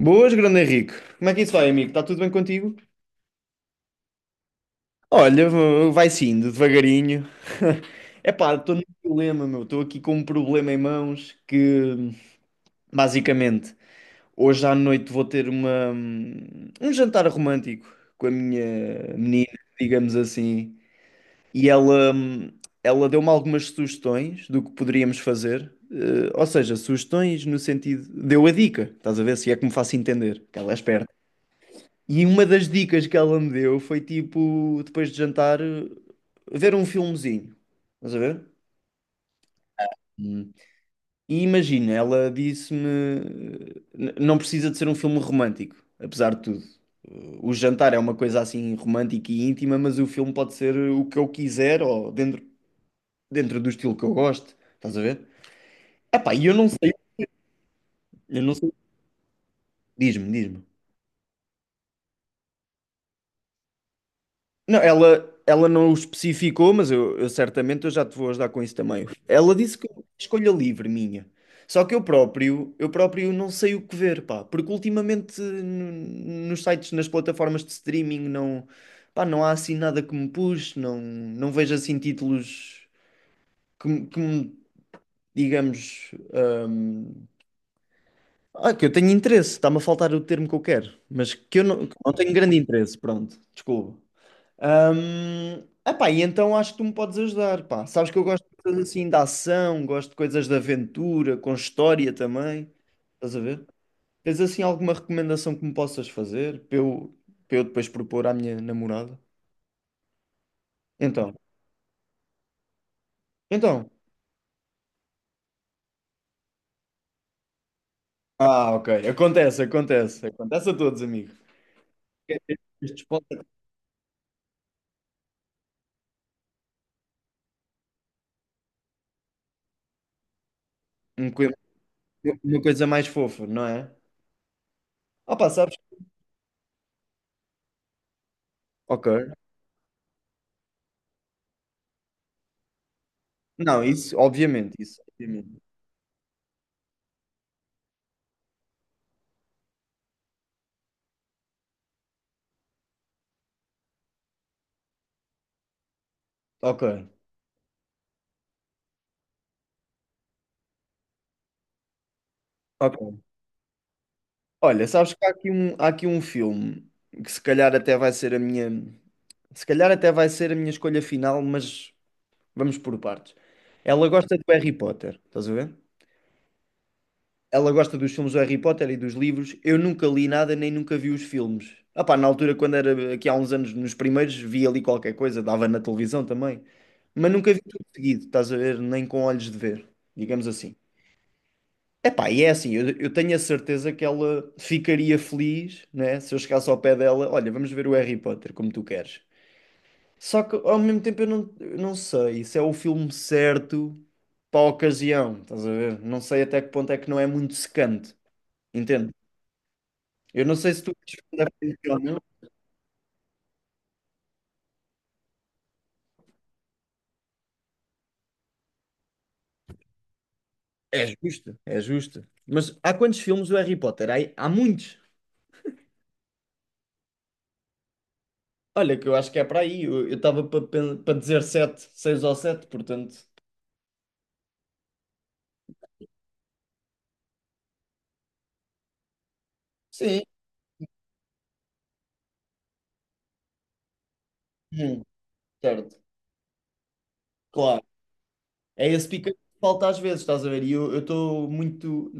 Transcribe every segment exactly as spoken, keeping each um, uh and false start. Boas, grande Henrique. Como é que isso vai, amigo? Está tudo bem contigo? Olha, v- vai sim, devagarinho. Epá, estou num problema, meu. Estou aqui com um problema em mãos que, basicamente, hoje à noite vou ter uma, um jantar romântico com a minha menina, digamos assim. E ela, ela deu-me algumas sugestões do que poderíamos fazer. Eh, ou seja, sugestões no sentido. Deu a dica, estás a ver? Se é que me faço entender, que ela é esperta. E uma das dicas que ela me deu foi tipo, depois de jantar, ver um filmezinho. Estás a ver? Hum. E imagina, ela disse-me, "N- não precisa de ser um filme romântico, apesar de tudo. O jantar é uma coisa assim romântica e íntima, mas o filme pode ser o que eu quiser ou dentro, dentro do estilo que eu gosto. Estás a ver? Epá, e eu não sei, eu não sei. Diz-me, diz-me. Não, ela, ela não o especificou, mas eu, eu certamente eu já te vou ajudar com isso também. Ela disse que é uma escolha livre minha. Só que eu próprio, eu próprio não sei o que ver, pá, porque ultimamente n- nos sites, nas plataformas de streaming não, pá, não há assim nada que me puxe, não, não vejo assim títulos que, me, que me, digamos, hum, ah, que eu tenho interesse, está-me a faltar o termo que eu quero, mas que eu não, que eu não tenho grande interesse, pronto, desculpa. Hum, Epá, e então acho que tu me podes ajudar, pá. Sabes que eu gosto de coisas assim de ação, gosto de coisas de aventura, com história também. Estás a ver? Tens assim alguma recomendação que me possas fazer para eu, para eu depois propor à minha namorada? Então, então. Ah, ok. Acontece, acontece. Acontece a todos, amigo. Quer dizer, estes podem- Um coi- uma coisa mais fofa, não é? Ah, pá, sabes? Ok. Não, isso, obviamente, isso. Obviamente. Ok. Ok. Olha, sabes que há aqui um, há aqui um filme que se calhar até vai ser a minha, se calhar até vai ser a minha escolha final, mas vamos por partes. Ela gosta do Harry Potter, estás a ver? Ela gosta dos filmes do Harry Potter e dos livros. Eu nunca li nada nem nunca vi os filmes. Ah pá, na altura, quando era aqui há uns anos, nos primeiros, vi ali qualquer coisa, dava na televisão também. Mas nunca vi tudo seguido, estás a ver? Nem com olhos de ver, digamos assim. Epá, e é assim, eu, eu tenho a certeza que ela ficaria feliz, né, se eu chegasse ao pé dela, olha, vamos ver o Harry Potter, como tu queres. Só que ao mesmo tempo eu não, eu não sei se é o filme certo para a ocasião, estás a ver? Não sei até que ponto é que não é muito secante, entende? Eu não sei se tu queres fazer a previsão, não. É justo, é justo. Mas há quantos filmes o Harry Potter? Há, há muitos. Olha, que eu acho que é para aí. Eu estava para dizer sete, seis ou sete, portanto. Sim. Hum, certo. Claro. É esse pica que falta às vezes, estás a ver? E eu estou muito.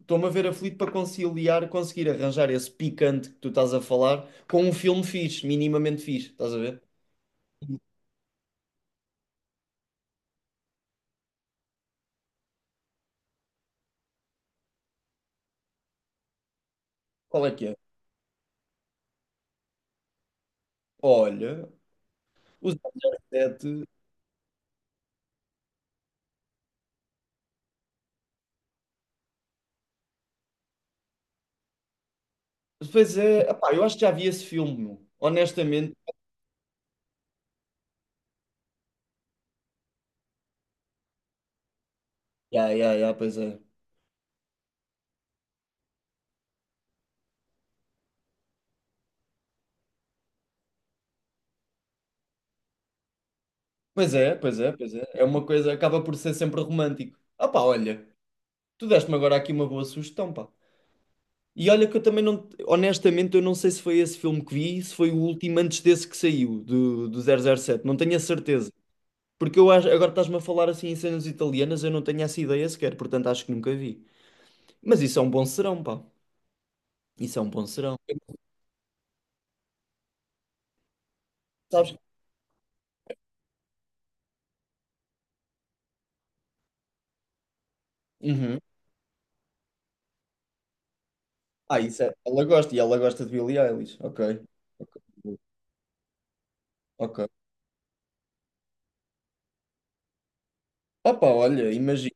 Estou-me a ver aflito para conciliar, conseguir arranjar esse picante que tu estás a falar com um filme fixe, minimamente fixe, estás a ver? Qual é que é? Olha, os zero zero sete. Pois é, epá, eu acho que já vi esse filme, meu. Honestamente. Ya, ya, ya, pois é. Pois é, pois é, pois é. É uma coisa, acaba por ser sempre romântico. Ah, pá, olha, tu deste-me agora aqui uma boa sugestão, pá. E olha que eu também não, honestamente, eu não sei se foi esse filme que vi, se foi o último antes desse que saiu, do, do zero zero sete não tenho a certeza. Porque eu acho, agora estás-me a falar assim em cenas italianas, eu não tenho essa ideia sequer, portanto acho que nunca vi. Mas isso é um bom serão, pá. Isso é um bom serão. Sabes? Uhum. Ah, isso é. Ela gosta, e ela gosta de Billie Eilish. Ok. Ok. Ok. Opa, olha, imagina.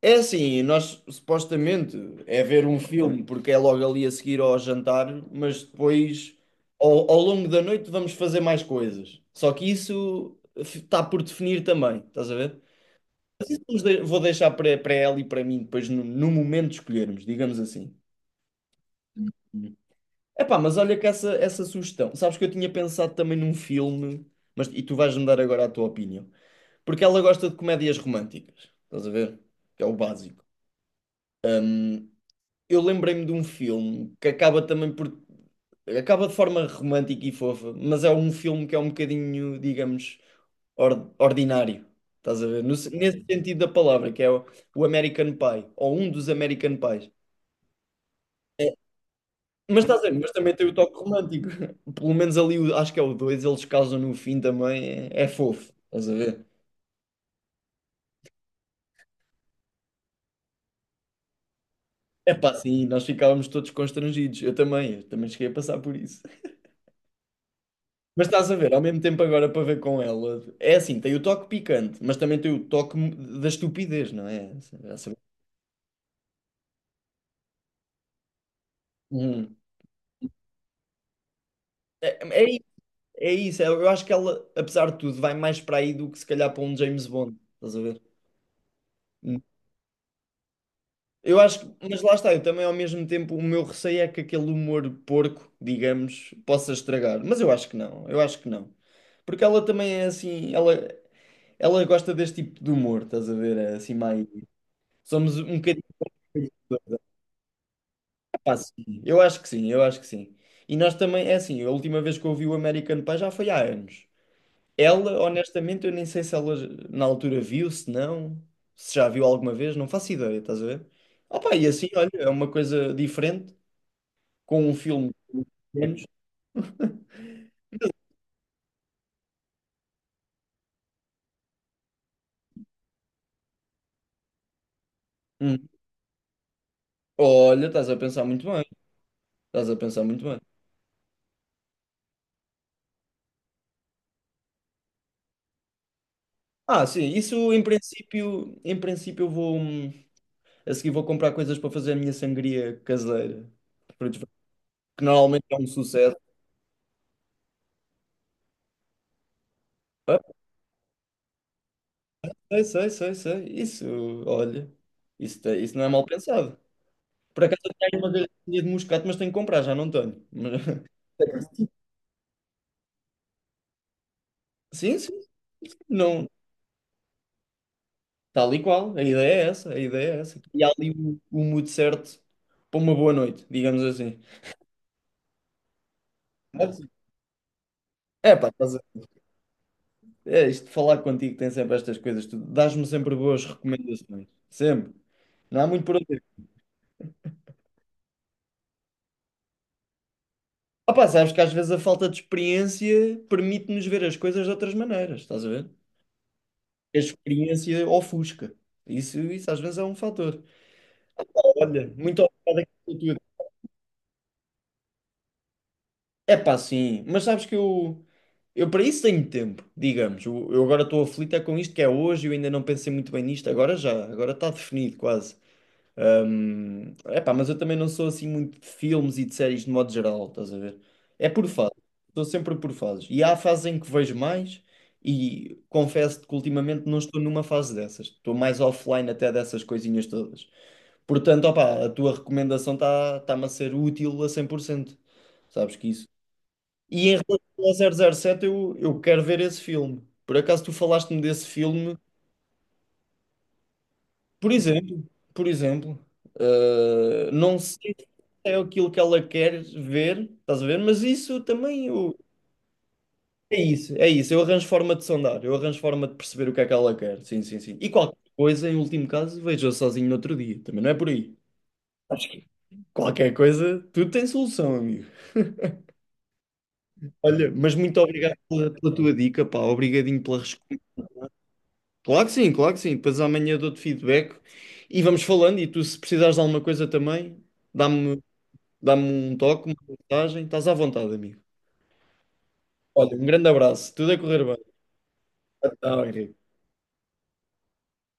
É assim, nós supostamente é ver um filme porque é logo ali a seguir ao jantar, mas depois ao, ao longo da noite vamos fazer mais coisas. Só que isso está por definir também, estás a ver? Mas isso vamos de- vou deixar para, para ela e para mim depois no, no momento escolhermos, digamos assim. Epá, mas olha que essa, essa sugestão. Sabes que eu tinha pensado também num filme, mas e tu vais-me dar agora a tua opinião. Porque ela gosta de comédias românticas, estás a ver? Que é o básico. Eu lembrei-me de um filme que acaba também por. Acaba de forma romântica e fofa, mas é um filme que é um bocadinho, digamos, or- ordinário. Estás a ver? No se- nesse sentido da palavra, que é o, o American Pie, ou um dos American Pies. Mas estás a ver? Mas também tem o toque romântico. Pelo menos ali, o- acho que é o dois eles casam no fim também, é, é fofo. Estás a ver? É pá, sim, nós ficávamos todos constrangidos. Eu também, eu também cheguei a passar por isso. Mas estás a ver, ao mesmo tempo agora para ver com ela, é assim, tem o toque picante, mas também tem o toque da estupidez, não é? Já sabe- Uhum. É, é isso, é isso. é, Eu acho que ela, apesar de tudo, vai mais para aí do que se calhar para um James Bond, estás a ver? Uhum. Eu acho, que- mas lá está, eu também ao mesmo tempo, o meu receio é que aquele humor porco, digamos, possa estragar, mas eu acho que não, eu acho que não. Porque ela também é assim, ela, ela gosta deste tipo de humor, estás a ver? É assim mais, somos um bocadinho. Pá, sim. Eu acho que sim, eu acho que sim. E nós também, é assim, a última vez que eu vi o American Pie já foi há anos. Ela, honestamente, eu nem sei se ela na altura viu, se não, se já viu alguma vez, não faço ideia, estás a ver? Opa, e assim, olha, é uma coisa diferente, com um filme de menos. Hum. Olha, estás a pensar muito bem, estás a pensar muito bem. Ah, sim, isso em princípio, em princípio eu vou, hum, a seguir vou comprar coisas para fazer a minha sangria caseira, para desfazer, que normalmente é um sucesso. Sei, sei, sei, sei. Isso, olha, isso, te- isso não é mal pensado. Por acaso eu tenho uma garrafinha de moscato, mas tenho que comprar, já não tenho. Mas- Sim, sim, não, tal e qual. A ideia é essa, a ideia é essa. E há ali o, o mood certo para uma boa noite, digamos assim. Mas, É pá, estás a- é isto de falar contigo tem sempre estas coisas, tu dás-me sempre boas recomendações, sempre. Não há muito por onde ir. Ah pá, sabes que às vezes a falta de experiência permite-nos ver as coisas de outras maneiras, estás a ver? A experiência ofusca. Isso, isso às vezes é um fator. Olha, muito obrigado aqui por tudo. É pá, sim, mas sabes que eu, eu para isso tenho tempo, digamos. Eu, eu agora estou aflito é com isto que é hoje, eu ainda não pensei muito bem nisto, agora já, agora está definido quase. Hum, é pá, mas eu também não sou assim muito de filmes e de séries de modo geral, estás a ver? É por fases, estou sempre por fases. E há fases em que vejo mais. E confesso-te que ultimamente não estou numa fase dessas. Estou mais offline até dessas coisinhas todas. Portanto, opá, a tua recomendação está, está-me a ser útil a cem por cento, sabes que isso. E em relação ao zero zero sete eu, eu quero ver esse filme. Por acaso tu falaste-me desse filme, por exemplo, por exemplo, eh, não sei se é aquilo que ela quer ver, estás a ver? Mas isso também eu- é isso, é isso. Eu arranjo forma de sondar, eu arranjo forma de perceber o que é que ela quer. Sim, sim, sim. E qualquer coisa, em último caso, vejo sozinho no outro dia, também não é por aí. Acho que qualquer coisa, tudo tem solução, amigo. Olha, mas muito obrigado pela, pela tua dica, pá. Obrigadinho pela resposta. Claro que sim, claro que sim. Depois amanhã dou-te feedback e vamos falando. E tu, se precisares de alguma coisa também, dá-me, dá-me um toque, uma mensagem. Estás à vontade, amigo. Olha, um grande abraço. Tudo a correr bem. Tchau, Henrique.